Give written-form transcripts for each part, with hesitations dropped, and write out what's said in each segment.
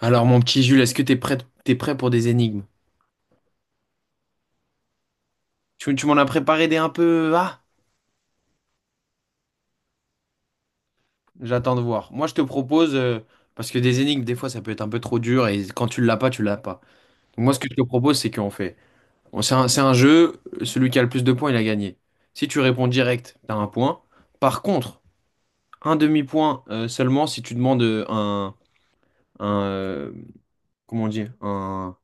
Alors, mon petit Jules, est-ce que t'es prêt pour des énigmes? Tu m'en as préparé des un peu. Ah, j'attends de voir. Moi, je te propose, parce que des énigmes, des fois, ça peut être un peu trop dur, et quand tu l'as pas, tu l'as pas. Donc, moi, ce que je te propose, c'est qu'on fait, c'est un jeu, celui qui a le plus de points, il a gagné. Si tu réponds direct, t'as un point. Par contre, un demi-point seulement si tu demandes un comment on dit?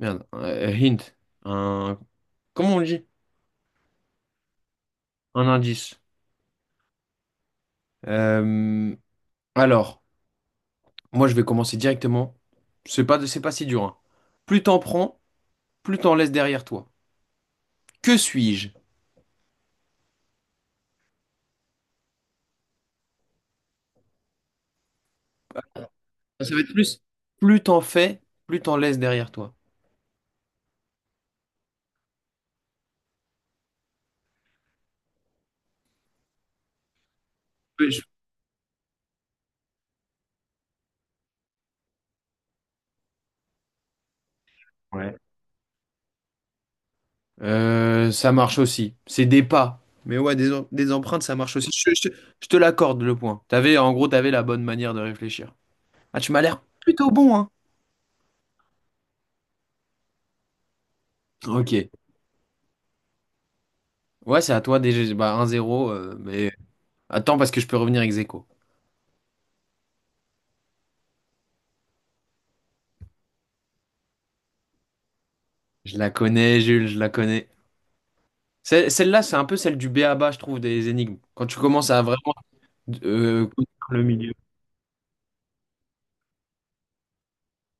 Merde, hint. Un... Comment on dit? Un indice. Euh, alors, moi, je vais commencer directement. C'est pas si dur, hein. Plus t'en prends, plus t'en laisses derrière toi. Que suis-je? Ça va être plus. Plus t'en fais, plus t'en laisses derrière toi. Ouais. Ouais. Ça marche aussi. C'est des pas. Mais ouais, des empreintes, ça marche aussi. Je te l'accorde, le point. T'avais, en gros, t'avais la bonne manière de réfléchir. Ah, tu m'as l'air plutôt bon, hein. Ok. Ouais, c'est à toi, déjà, bah, 1-0, mais... Attends, parce que je peux revenir ex aequo. Je la connais, Jules, je la connais. Celle-là, c'est un peu celle du B.A.B.A., je trouve, des énigmes. Quand tu commences à vraiment, connaître le milieu.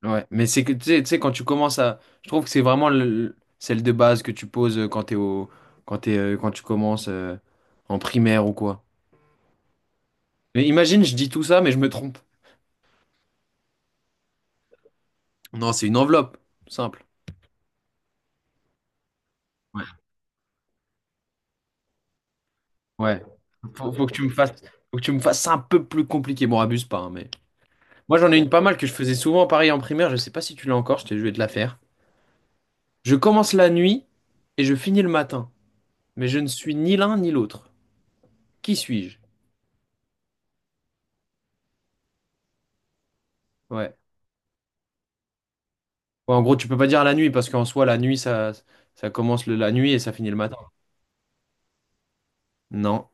Ouais, mais c'est que, tu sais, quand tu commences à... Je trouve que c'est vraiment celle de base que tu poses quand tu commences en primaire ou quoi. Mais imagine, je dis tout ça, mais je me trompe. Non, c'est une enveloppe, simple. Ouais. Ouais. Faut que tu me fasses, faut que tu me fasses un peu plus compliqué. Bon, abuse pas, hein, mais... Moi, j'en ai une pas mal que je faisais souvent pareil en primaire. Je sais pas si tu l'as encore, je vais te la faire. Je commence la nuit et je finis le matin, mais je ne suis ni l'un ni l'autre. Qui suis-je? Ouais. Ouais, en gros, tu peux pas dire la nuit parce qu'en soi, la nuit, ça commence la nuit et ça finit le matin. Non.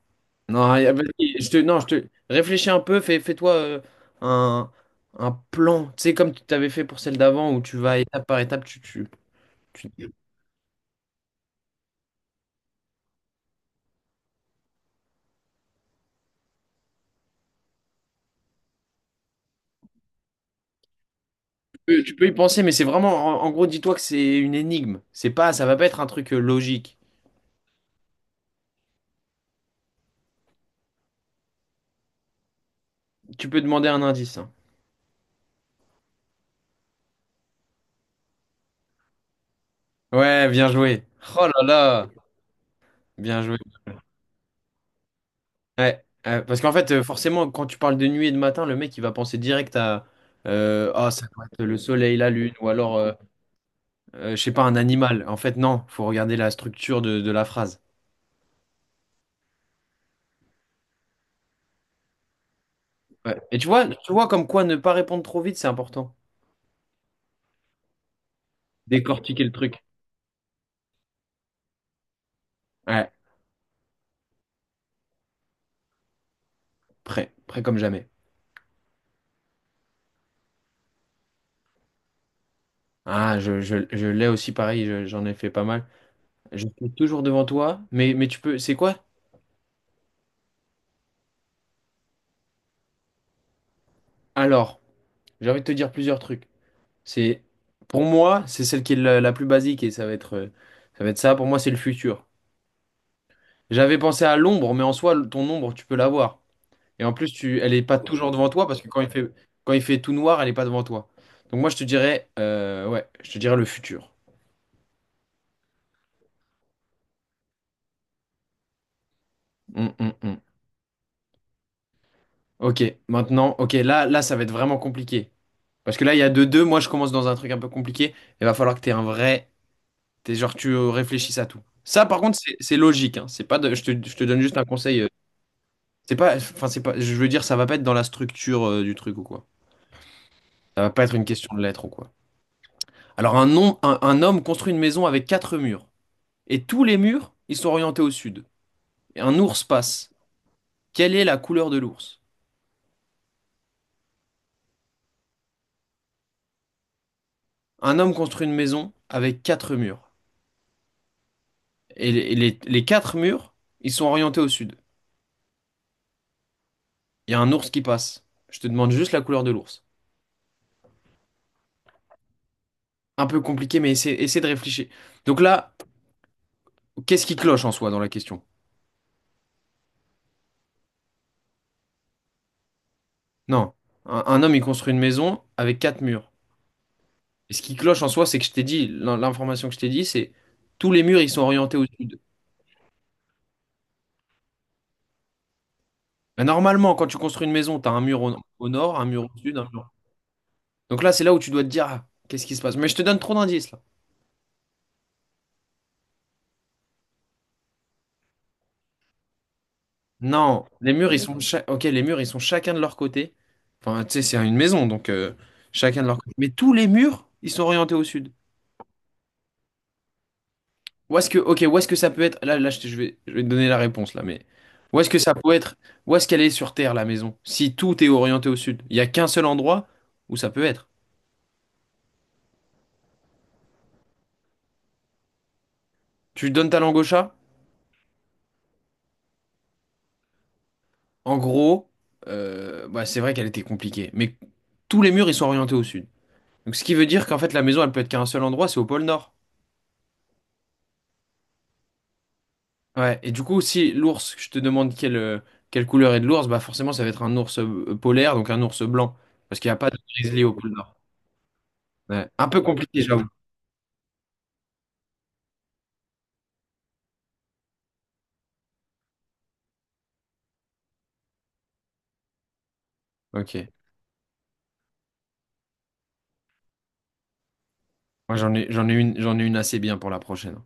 Non, vas-y, non, je te réfléchis un peu, fais-toi un, un plan, tu sais, comme tu t'avais fait pour celle d'avant où tu vas étape par étape, tu- tu tu peux y penser, mais c'est vraiment, en gros, dis-toi que c'est une énigme. C'est pas, ça va pas être un truc logique. Tu peux demander un indice, hein. Ouais, bien joué. Oh là là, bien joué. Ouais, parce qu'en fait, forcément, quand tu parles de nuit et de matin, le mec, il va penser direct à ah, ça doit être le soleil, la lune, ou alors, je sais pas, un animal. En fait, non, faut regarder la structure de la phrase. Ouais. Et tu vois comme quoi ne pas répondre trop vite, c'est important. Décortiquer le truc. Ouais, prêt, prêt comme jamais. Ah, je l'ai aussi pareil, j'en ai fait pas mal. Je suis toujours devant toi, mais tu peux. C'est quoi? Alors, j'ai envie de te dire plusieurs trucs. C'est, pour moi, c'est celle qui est la plus basique et ça va être ça. Pour moi, c'est le futur. J'avais pensé à l'ombre, mais en soi, ton ombre, tu peux l'avoir. Et en plus, elle est pas toujours devant toi parce que quand il fait tout noir, elle est pas devant toi. Donc moi, je te dirais, ouais, je te dirais le futur. Hum, hum, hum. Ok, maintenant, ok, là, ça va être vraiment compliqué. Parce que là, il y a deux. Moi, je commence dans un truc un peu compliqué. Il va falloir que t'aies un vrai, t'es genre, tu réfléchisses à tout. Ça, par contre, c'est logique, hein. C'est pas je te donne juste un conseil. C'est pas, enfin c'est pas, je veux dire, ça va pas être dans la structure du truc ou quoi. Ça va pas être une question de lettres ou quoi. Alors un homme construit une maison avec quatre murs et tous les murs ils sont orientés au sud. Et un ours passe. Quelle est la couleur de l'ours? Un homme construit une maison avec quatre murs et les quatre murs ils sont orientés au sud. Il y a un ours qui passe. Je te demande juste la couleur de l'ours. Un peu compliqué, mais essaie de réfléchir. Donc là, qu'est-ce qui cloche en soi dans la question? Non, un homme il construit une maison avec quatre murs. Et ce qui cloche en soi, c'est que je t'ai dit, l'information que je t'ai dit, c'est tous les murs, ils sont orientés au sud. Mais normalement, quand tu construis une maison, tu as un mur au nord, un mur au sud, un mur. Donc là, c'est là où tu dois te dire, ah, qu'est-ce qui se passe? Mais je te donne trop d'indices là. Non, les murs, ils sont ok, les murs, ils sont chacun de leur côté. Enfin, tu sais, c'est une maison, donc chacun de leur côté. Mais tous les murs, ils sont orientés au sud. Où est-ce que, ok, où est-ce que ça peut être? Là, je vais te donner la réponse là, mais où est-ce que ça peut être? Où est-ce qu'elle est sur Terre, la maison? Si tout est orienté au sud, il n'y a qu'un seul endroit où ça peut être. Tu donnes ta langue au chat? En gros, bah, c'est vrai qu'elle était compliquée, mais tous les murs ils sont orientés au sud. Donc, ce qui veut dire qu'en fait, la maison, elle peut être qu'à un seul endroit, c'est au pôle Nord. Ouais. Et du coup, si l'ours, je te demande quelle couleur est de l'ours, bah forcément, ça va être un ours polaire, donc un ours blanc, parce qu'il n'y a pas de grizzly au pôle Nord. Ouais. Un peu compliqué, j'avoue. Ok. Moi, j'en ai une assez bien pour la prochaine.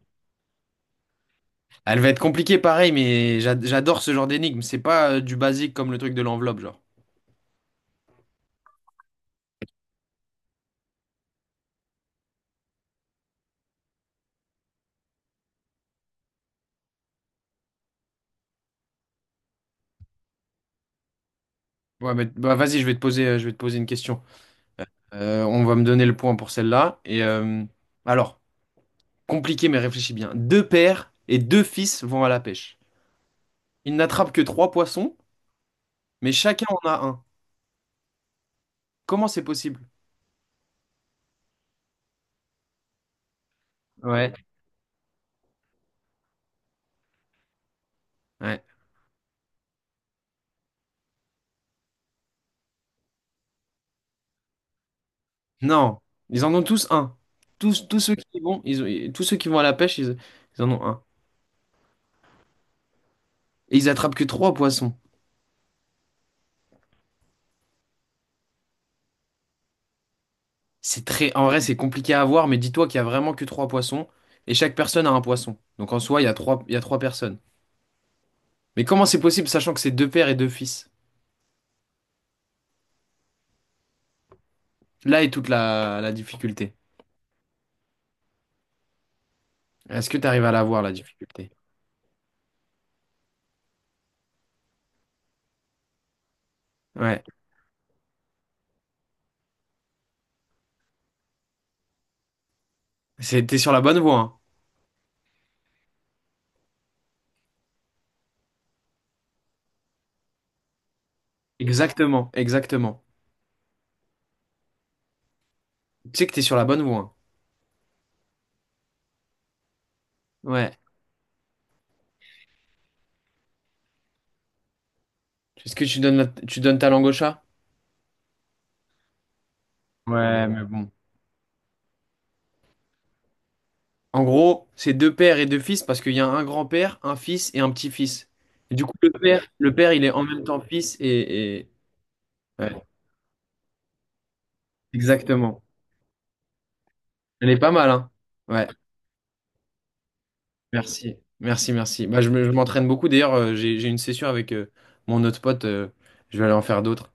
Elle va être compliquée, pareil, mais j'adore ce genre d'énigme. C'est pas du basique comme le truc de l'enveloppe, genre. Ouais, mais bah, vas-y, je vais te poser, je vais te poser une question. On va me donner le point pour celle-là. Et alors, compliqué, mais réfléchis bien. Deux pères et deux fils vont à la pêche. Ils n'attrapent que trois poissons, mais chacun en a un. Comment c'est possible? Ouais. Ouais. Non, ils en ont tous un. Tous ceux qui y vont, tous ceux qui vont à la pêche, ils en ont un. Et ils attrapent que trois poissons. C'est très, en vrai, c'est compliqué à voir, mais dis-toi qu'il y a vraiment que trois poissons et chaque personne a un poisson. Donc en soi, il y a trois personnes. Mais comment c'est possible sachant que c'est deux pères et deux fils? Là est toute la difficulté. Est-ce que tu arrives à la voir, la difficulté? Ouais. T'es sur la bonne voie, hein. Exactement, exactement. Tu sais que t'es sur la bonne voie, hein. Ouais. Est-ce que tu donnes ta langue au chat? Ouais, mais bon. En gros, c'est deux pères et deux fils parce qu'il y a un grand-père, un fils et un petit-fils. Et du coup, le père, il est en même temps fils et- ouais. Exactement. Elle est pas mal, hein? Ouais, merci. Merci, merci. Bah, je m'entraîne beaucoup. D'ailleurs, j'ai une session avec mon autre pote. Je vais aller en faire d'autres.